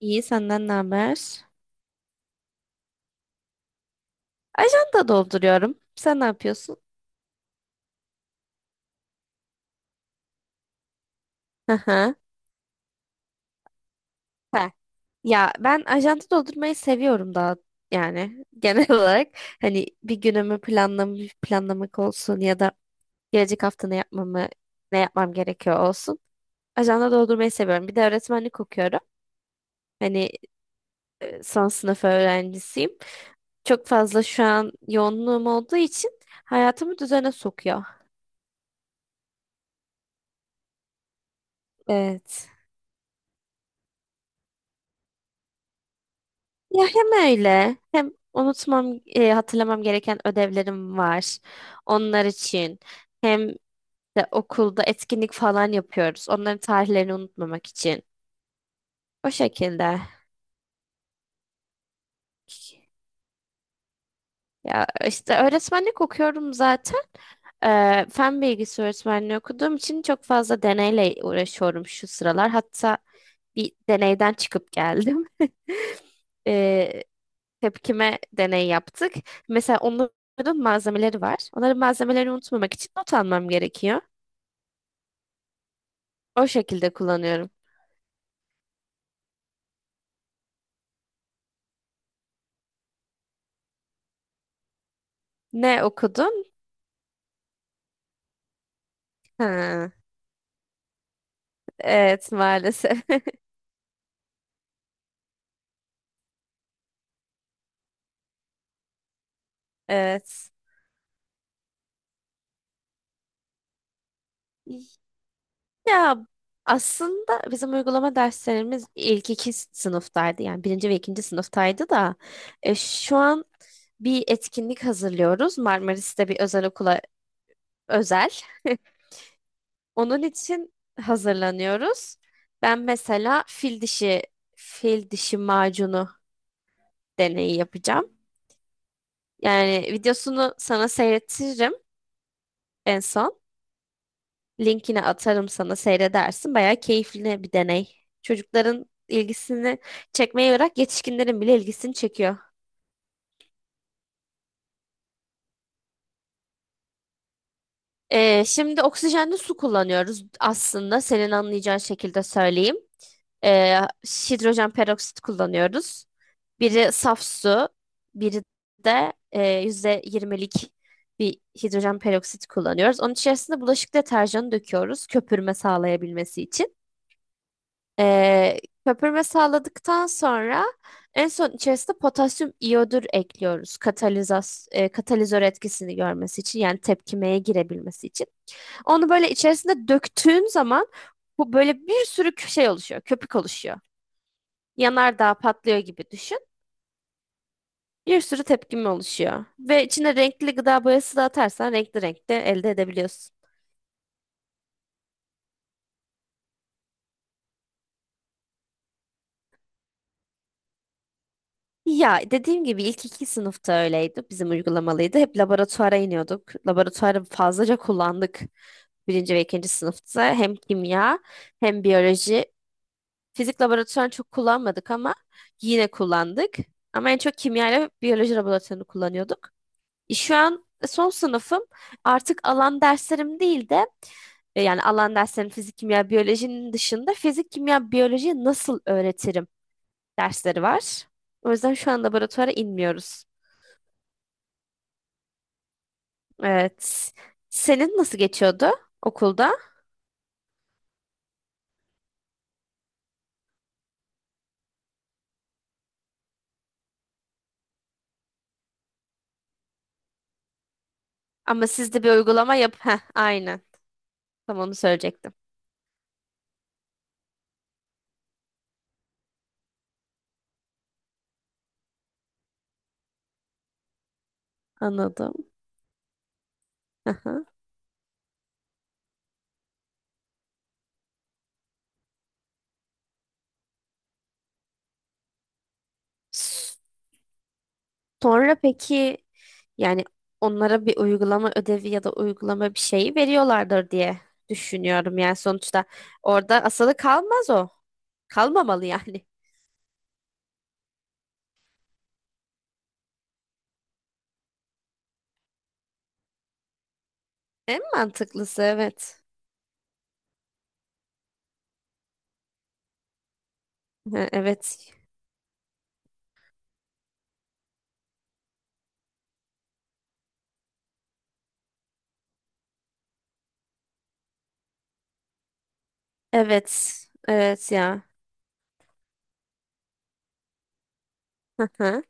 İyi senden ne haber? Ajanda dolduruyorum. Sen ne yapıyorsun? Hı hı. Ha. Ya ben ajanda doldurmayı seviyorum daha yani genel olarak hani bir günümü planlamak olsun ya da gelecek hafta ne yapmam gerekiyor olsun. Ajanda doldurmayı seviyorum. Bir de öğretmenlik okuyorum. Hani son sınıf öğrencisiyim. Çok fazla şu an yoğunluğum olduğu için hayatımı düzene sokuyor. Evet. Ya hem öyle hem hatırlamam gereken ödevlerim var. Onlar için hem de okulda etkinlik falan yapıyoruz. Onların tarihlerini unutmamak için. O şekilde. Ya işte öğretmenlik okuyorum zaten. Fen bilgisi öğretmenliği okuduğum için çok fazla deneyle uğraşıyorum şu sıralar. Hatta bir deneyden çıkıp geldim. Ee, Tepkime deney yaptık. Mesela onların malzemeleri var. Onların malzemelerini unutmamak için not almam gerekiyor. O şekilde kullanıyorum. Ne okudun? Ha, evet maalesef. Evet. Ya aslında bizim uygulama derslerimiz ilk iki sınıftaydı. Yani birinci ve ikinci sınıftaydı da şu an bir etkinlik hazırlıyoruz. Marmaris'te bir özel okula özel. Onun için hazırlanıyoruz. Ben mesela fil dişi fil dişi macunu deneyi yapacağım. Yani videosunu sana seyrettiririm en son. Linkini atarım sana seyredersin. Bayağı keyifli bir deney. Çocukların ilgisini çekmeyi bırak yetişkinlerin bile ilgisini çekiyor. Şimdi oksijenli su kullanıyoruz aslında senin anlayacağın şekilde söyleyeyim. Ee, Hidrojen peroksit kullanıyoruz. Biri saf su, biri de %20'lik bir hidrojen peroksit kullanıyoruz. Onun içerisinde bulaşık deterjanı döküyoruz köpürme sağlayabilmesi için. Ee, Köpürme sağladıktan sonra en son içerisinde potasyum iyodür ekliyoruz katalizör etkisini görmesi için yani tepkimeye girebilmesi için. Onu böyle içerisinde döktüğün zaman bu böyle bir sürü şey oluşuyor. Köpük oluşuyor. Yanardağ patlıyor gibi düşün. Bir sürü tepkime oluşuyor. Ve içine renkli gıda boyası da atarsan renkli renkte elde edebiliyorsun. Ya dediğim gibi ilk iki sınıfta öyleydi. Bizim uygulamalıydı. Hep laboratuvara iniyorduk. Laboratuvarı fazlaca kullandık. Birinci ve ikinci sınıfta hem kimya hem biyoloji. Fizik laboratuvarını çok kullanmadık ama yine kullandık. Ama en çok kimya ile biyoloji laboratuvarını kullanıyorduk. Şu an son sınıfım. Artık alan derslerim değil de yani alan derslerim fizik, kimya, biyolojinin dışında fizik, kimya, biyolojiyi nasıl öğretirim dersleri var. O yüzden şu an laboratuvara inmiyoruz. Evet. Senin nasıl geçiyordu okulda? Ama siz de bir uygulama yap. Heh, aynen. Tam onu söyleyecektim. Anladım. Aha. Sonra peki yani onlara bir uygulama ödevi ya da uygulama bir şeyi veriyorlardır diye düşünüyorum. Yani sonuçta orada asılı kalmaz o. Kalmamalı yani. En mantıklısı evet. Ha, evet. Evet. Evet ya. Hı hı.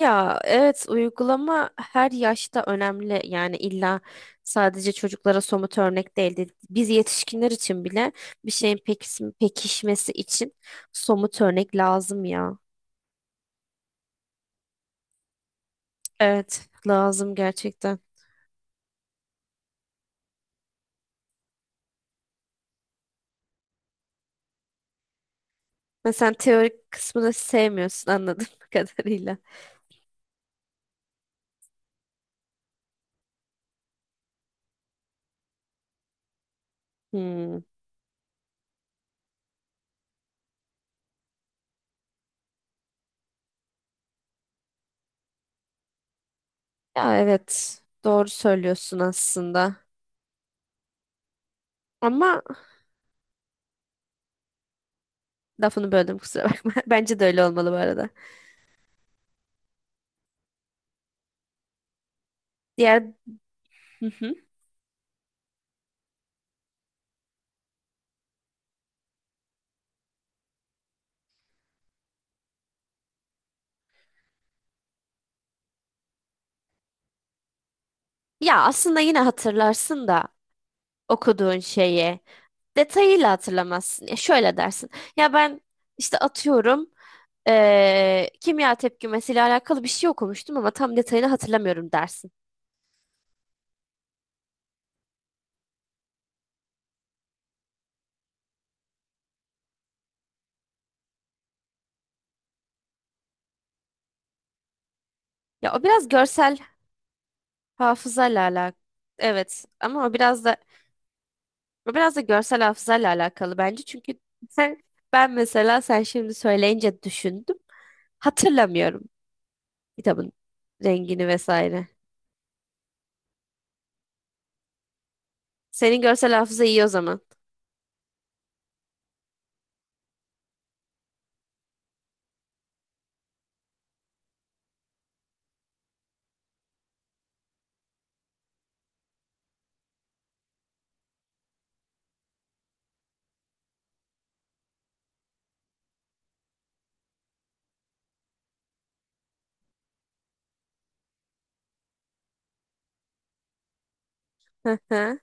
Ya evet uygulama her yaşta önemli. Yani illa sadece çocuklara somut örnek değildi. Biz yetişkinler için bile bir şeyin pekişmesi için somut örnek lazım ya. Evet, lazım gerçekten. Ve sen teorik kısmını sevmiyorsun anladığım kadarıyla. Hmm. Ya evet, doğru söylüyorsun aslında. Ama lafını böldüm, kusura bakma. Bence de öyle olmalı bu arada. Diğer hı hı. Ya aslında yine hatırlarsın da okuduğun şeyi detayıyla hatırlamazsın. Ya şöyle dersin. Ya ben işte atıyorum kimya tepkimesiyle alakalı bir şey okumuştum ama tam detayını hatırlamıyorum dersin. Ya o biraz görsel hafızayla alakalı. Evet ama o biraz da görsel hafızayla alakalı bence. Çünkü sen ben mesela sen şimdi söyleyince düşündüm. Hatırlamıyorum kitabın rengini vesaire. Senin görsel hafıza iyi o zaman. Hı hı.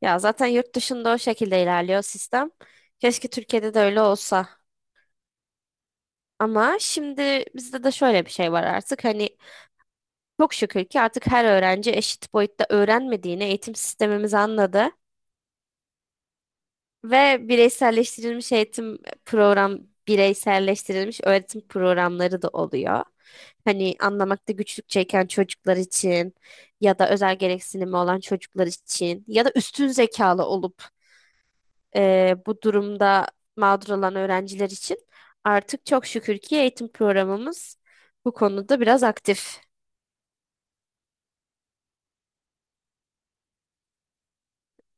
Ya zaten yurt dışında o şekilde ilerliyor sistem. Keşke Türkiye'de de öyle olsa. Ama şimdi bizde de şöyle bir şey var artık. Hani çok şükür ki artık her öğrenci eşit boyutta öğrenmediğini eğitim sistemimiz anladı. Ve bireyselleştirilmiş program, bireyselleştirilmiş öğretim programları da oluyor. Hani anlamakta güçlük çeken çocuklar için ya da özel gereksinimi olan çocuklar için ya da üstün zekalı olup bu durumda mağdur olan öğrenciler için artık çok şükür ki eğitim programımız bu konuda biraz aktif.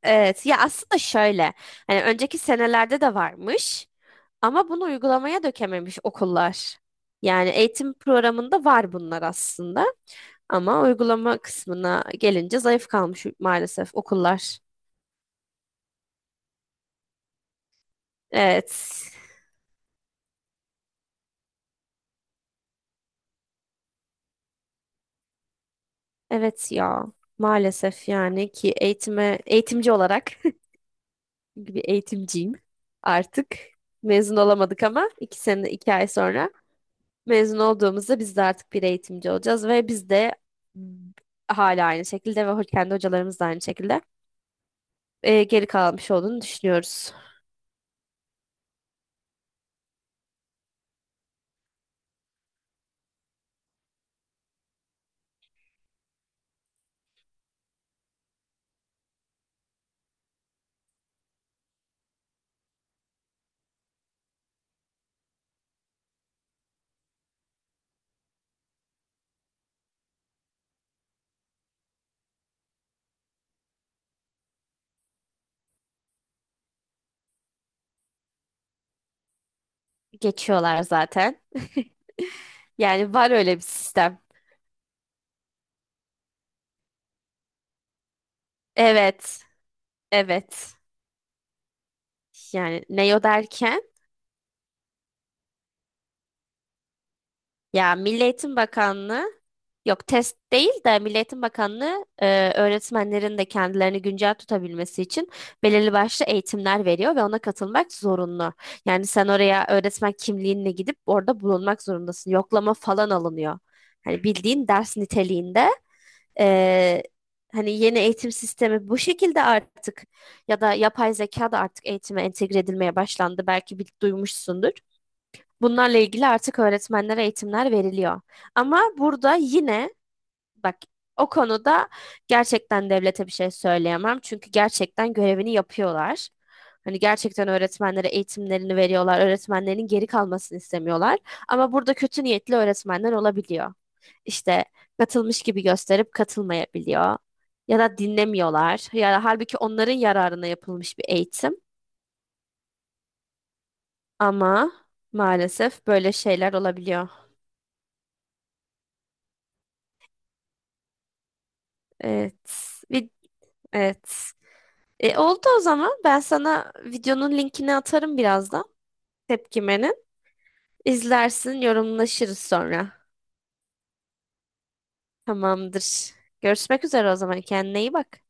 Evet, ya aslında şöyle, hani önceki senelerde de varmış. Ama bunu uygulamaya dökememiş okullar. Yani eğitim programında var bunlar aslında. Ama uygulama kısmına gelince zayıf kalmış maalesef okullar. Evet. Evet ya. Maalesef yani ki eğitime eğitimci olarak çünkü bir eğitimciyim artık. Mezun olamadık ama iki sene iki ay sonra mezun olduğumuzda biz de artık bir eğitimci olacağız ve biz de hala aynı şekilde ve kendi hocalarımız da aynı şekilde geri kalmış olduğunu düşünüyoruz. Geçiyorlar zaten. Yani var öyle bir sistem. Evet, evet. Yani ne o derken? Ya Milli Eğitim Bakanlığı. Yok, test değil de Milli Eğitim Bakanlığı öğretmenlerin de kendilerini güncel tutabilmesi için belirli başlı eğitimler veriyor ve ona katılmak zorunlu. Yani sen oraya öğretmen kimliğinle gidip orada bulunmak zorundasın. Yoklama falan alınıyor. Hani bildiğin ders niteliğinde e, hani yeni eğitim sistemi bu şekilde artık ya da yapay zeka da artık eğitime entegre edilmeye başlandı. Belki bir duymuşsundur. Bunlarla ilgili artık öğretmenlere eğitimler veriliyor. Ama burada yine, bak, o konuda gerçekten devlete bir şey söyleyemem. Çünkü gerçekten görevini yapıyorlar. Hani gerçekten öğretmenlere eğitimlerini veriyorlar. Öğretmenlerin geri kalmasını istemiyorlar. Ama burada kötü niyetli öğretmenler olabiliyor. İşte katılmış gibi gösterip katılmayabiliyor. Ya da dinlemiyorlar. Ya halbuki onların yararına yapılmış bir eğitim. Ama maalesef böyle şeyler olabiliyor. Evet. Bir, evet. Oldu o zaman. Ben sana videonun linkini atarım birazdan. Tepkimenin. İzlersin, yorumlaşırız sonra. Tamamdır. Görüşmek üzere o zaman. Kendine iyi bak.